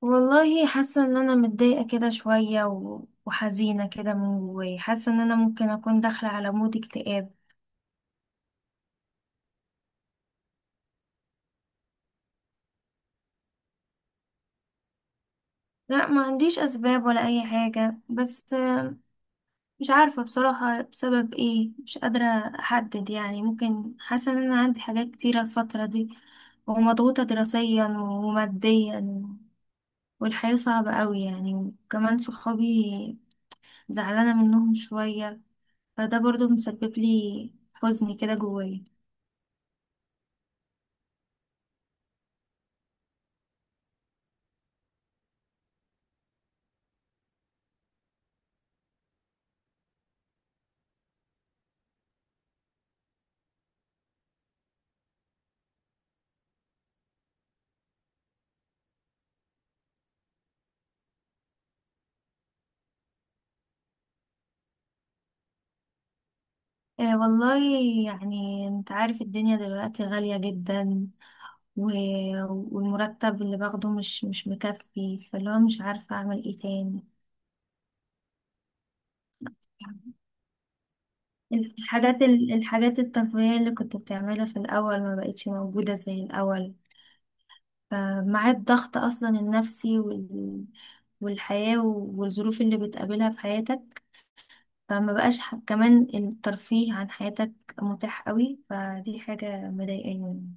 والله حاسة ان انا متضايقة كده شوية و- وحزينة كده من جوايا. حاسة ان انا ممكن اكون داخلة على مود اكتئاب. لا، ما عنديش اسباب ولا اي حاجة، بس مش عارفة بصراحة بسبب ايه. مش قادرة احدد، يعني ممكن حاسة ان انا عندي حاجات كتيرة الفترة دي، ومضغوطة دراسيا وماديا، والحياة صعبة قوي يعني، وكمان صحابي زعلانة منهم شوية، فده برضو مسبب لي حزن كده جوايا. آه والله، يعني انت عارف الدنيا دلوقتي غالية جدا، و... والمرتب اللي باخده مش مكفي، فاللي هو مش عارفة اعمل ايه تاني. الحاجات الترفيهية اللي كنت بتعملها في الأول ما بقتش موجودة زي الأول، فمع الضغط أصلا النفسي والحياة والظروف اللي بتقابلها في حياتك، فما بقاش كمان الترفيه عن حياتك متاح قوي، فدي حاجة مضايقاني.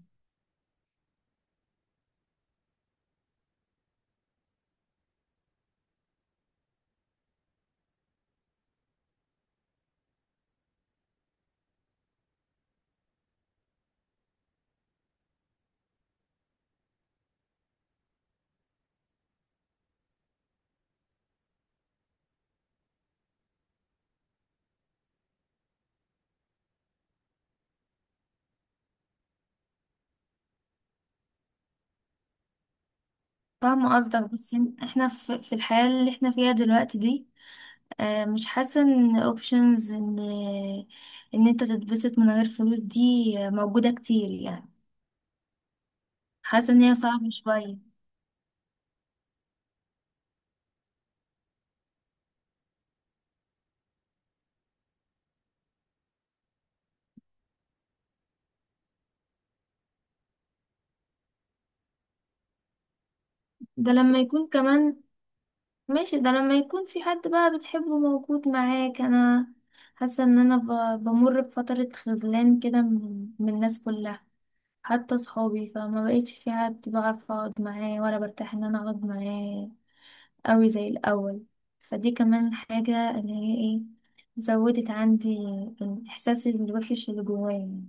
فاهمة قصدك، بس احنا في الحياة اللي احنا فيها دلوقتي دي، آه، مش حاسة ان اوبشنز ان انت تتبسط من غير فلوس دي، آه، موجودة كتير يعني. حاسة ان هي صعبة شوية. ده لما يكون كمان ماشي، ده لما يكون في حد بقى بتحبه موجود معاك. انا حاسة ان انا بمر بفترة خذلان كده من الناس كلها، حتى صحابي، فما بقيتش في حد بعرف اقعد معاه ولا برتاح ان انا اقعد معاه قوي زي الأول. فدي كمان حاجة، اللي هي ايه، زودت عندي الإحساس الوحش اللي جوايا.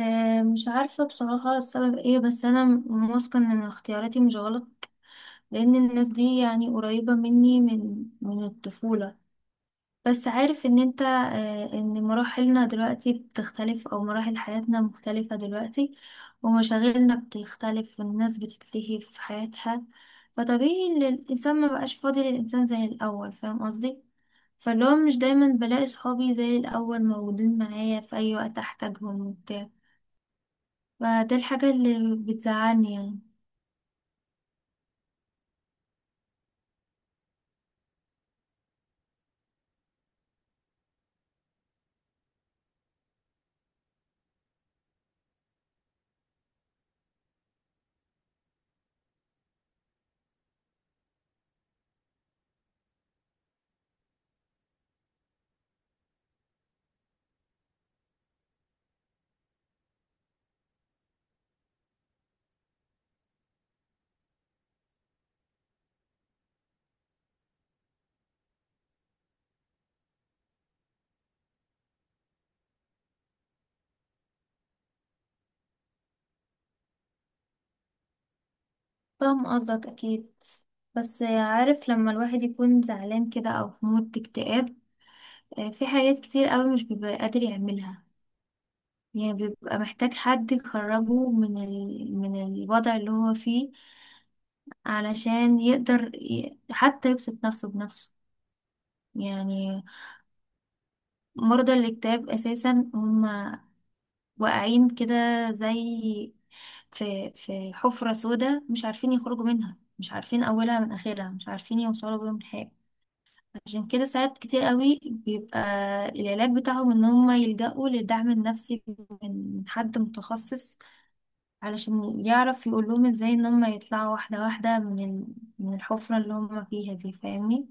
آه، مش عارفة بصراحة السبب ايه، بس أنا واثقة إن اختياراتي مش غلط، لأن الناس دي يعني قريبة مني من الطفولة. بس عارف ان انت، آه، ان مراحلنا دلوقتي بتختلف، او مراحل حياتنا مختلفة دلوقتي، ومشاغلنا بتختلف، والناس بتتلهي في حياتها. فطبيعي ان الانسان ما بقاش فاضي للانسان زي الاول، فاهم قصدي؟ فاللي هو مش دايما بلاقي صحابي زي الاول موجودين معايا في اي وقت احتاجهم وبتاع، فده الحاجة اللي بتزعلني يعني. فاهم قصدك اكيد، بس عارف لما الواحد يكون زعلان كده او في مود اكتئاب، في حاجات كتير قوي مش بيبقى قادر يعملها، يعني بيبقى محتاج حد يخرجه من الوضع اللي هو فيه، علشان يقدر حتى يبسط نفسه بنفسه يعني. مرضى الاكتئاب اساسا هم واقعين كده، زي في حفرة سوداء، مش عارفين يخرجوا منها، مش عارفين اولها من اخرها، مش عارفين يوصلوا بيهم لحاجة. عشان كده ساعات كتير قوي بيبقى العلاج بتاعهم ان هم يلجأوا للدعم النفسي من حد متخصص، علشان يعرف يقول لهم ازاي ان هم يطلعوا واحدة واحدة من الحفرة اللي هم فيها دي، فاهمني؟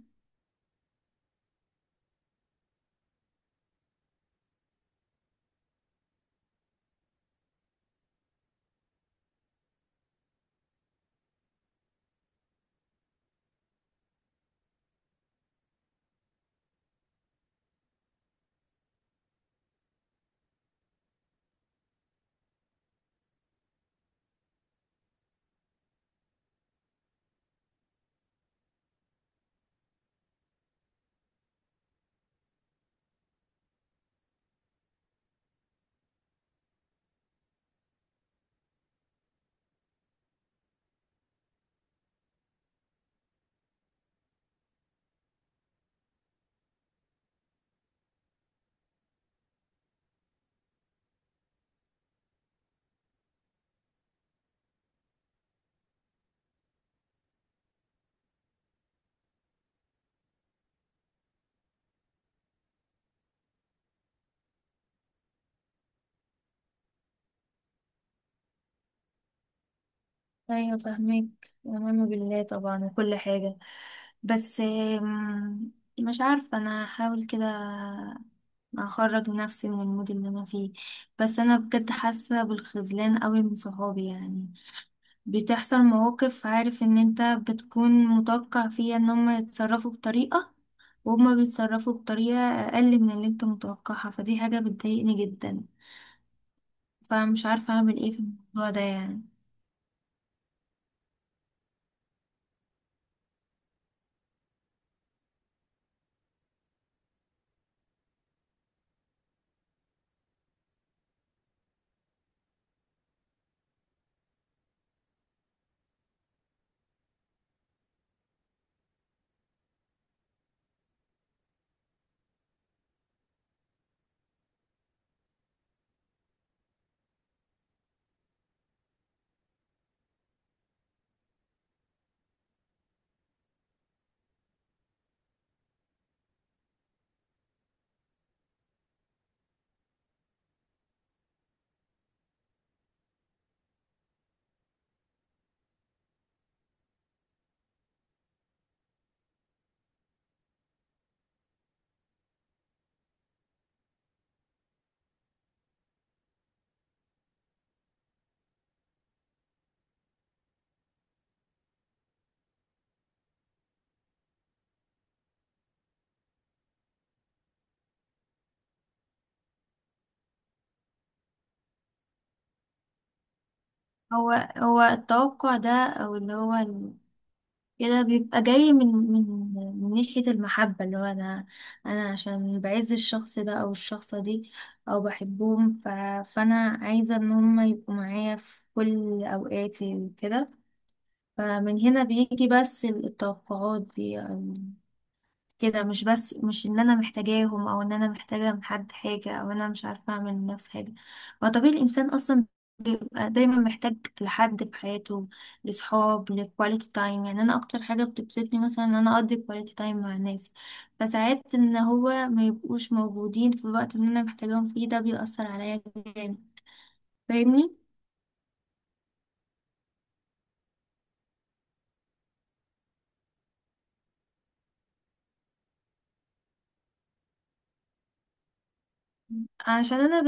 ايوه، فاهمك ومنه بالله طبعا وكل حاجة، بس آم، مش عارفة، انا هحاول كده اخرج نفسي من المود اللي انا فيه. بس انا بجد حاسة بالخذلان قوي من صحابي يعني. بتحصل مواقف، عارف ان انت بتكون متوقع فيها ان هم يتصرفوا بطريقة، وهم بيتصرفوا بطريقة اقل من اللي انت متوقعها، فدي حاجة بتضايقني جدا. فمش عارفة اعمل ايه في الموضوع ده يعني. هو هو التوقع ده او اللي هو كده بيبقى جاي من من ناحية المحبة، اللي هو انا عشان بعز الشخص ده او الشخصة دي او بحبهم، فانا عايزة ان هم يبقوا معايا في كل اوقاتي وكده. فمن هنا بيجي بس التوقعات دي، أو كده. مش بس مش ان انا محتاجاهم، او ان انا محتاجة من حد حاجة، او انا مش عارفة اعمل من نفسي حاجة. هو طبيعي الانسان اصلا بيبقى دايما محتاج لحد في حياته، لصحاب، لكواليتي تايم. يعني انا اكتر حاجة بتبسطني مثلا ان انا اقضي كواليتي تايم مع الناس، فساعات ان هو ما يبقوش موجودين في الوقت اللي انا محتاجاهم فيه، ده بيأثر عليا جامد، فاهمني؟ عشان انا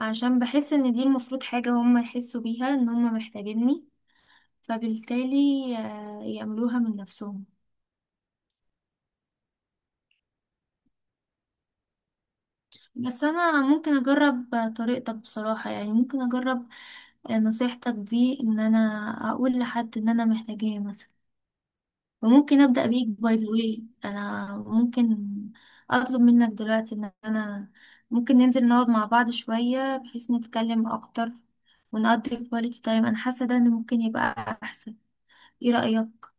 عشان بحس ان دي المفروض حاجة هم يحسوا بيها، ان هم محتاجيني، فبالتالي، آه، يعملوها من نفسهم. بس انا ممكن اجرب طريقتك بصراحة، يعني ممكن اجرب، آه، نصيحتك دي، ان انا اقول لحد ان انا محتاجاه مثلا. وممكن ابدأ بيك، باي ذا واي، انا ممكن اطلب منك دلوقتي ان انا ممكن ننزل نقعد مع بعض شوية بحيث نتكلم اكتر ونقضي كواليتي تايم. انا حاسة ده ان ممكن يبقى احسن. ايه رأيك؟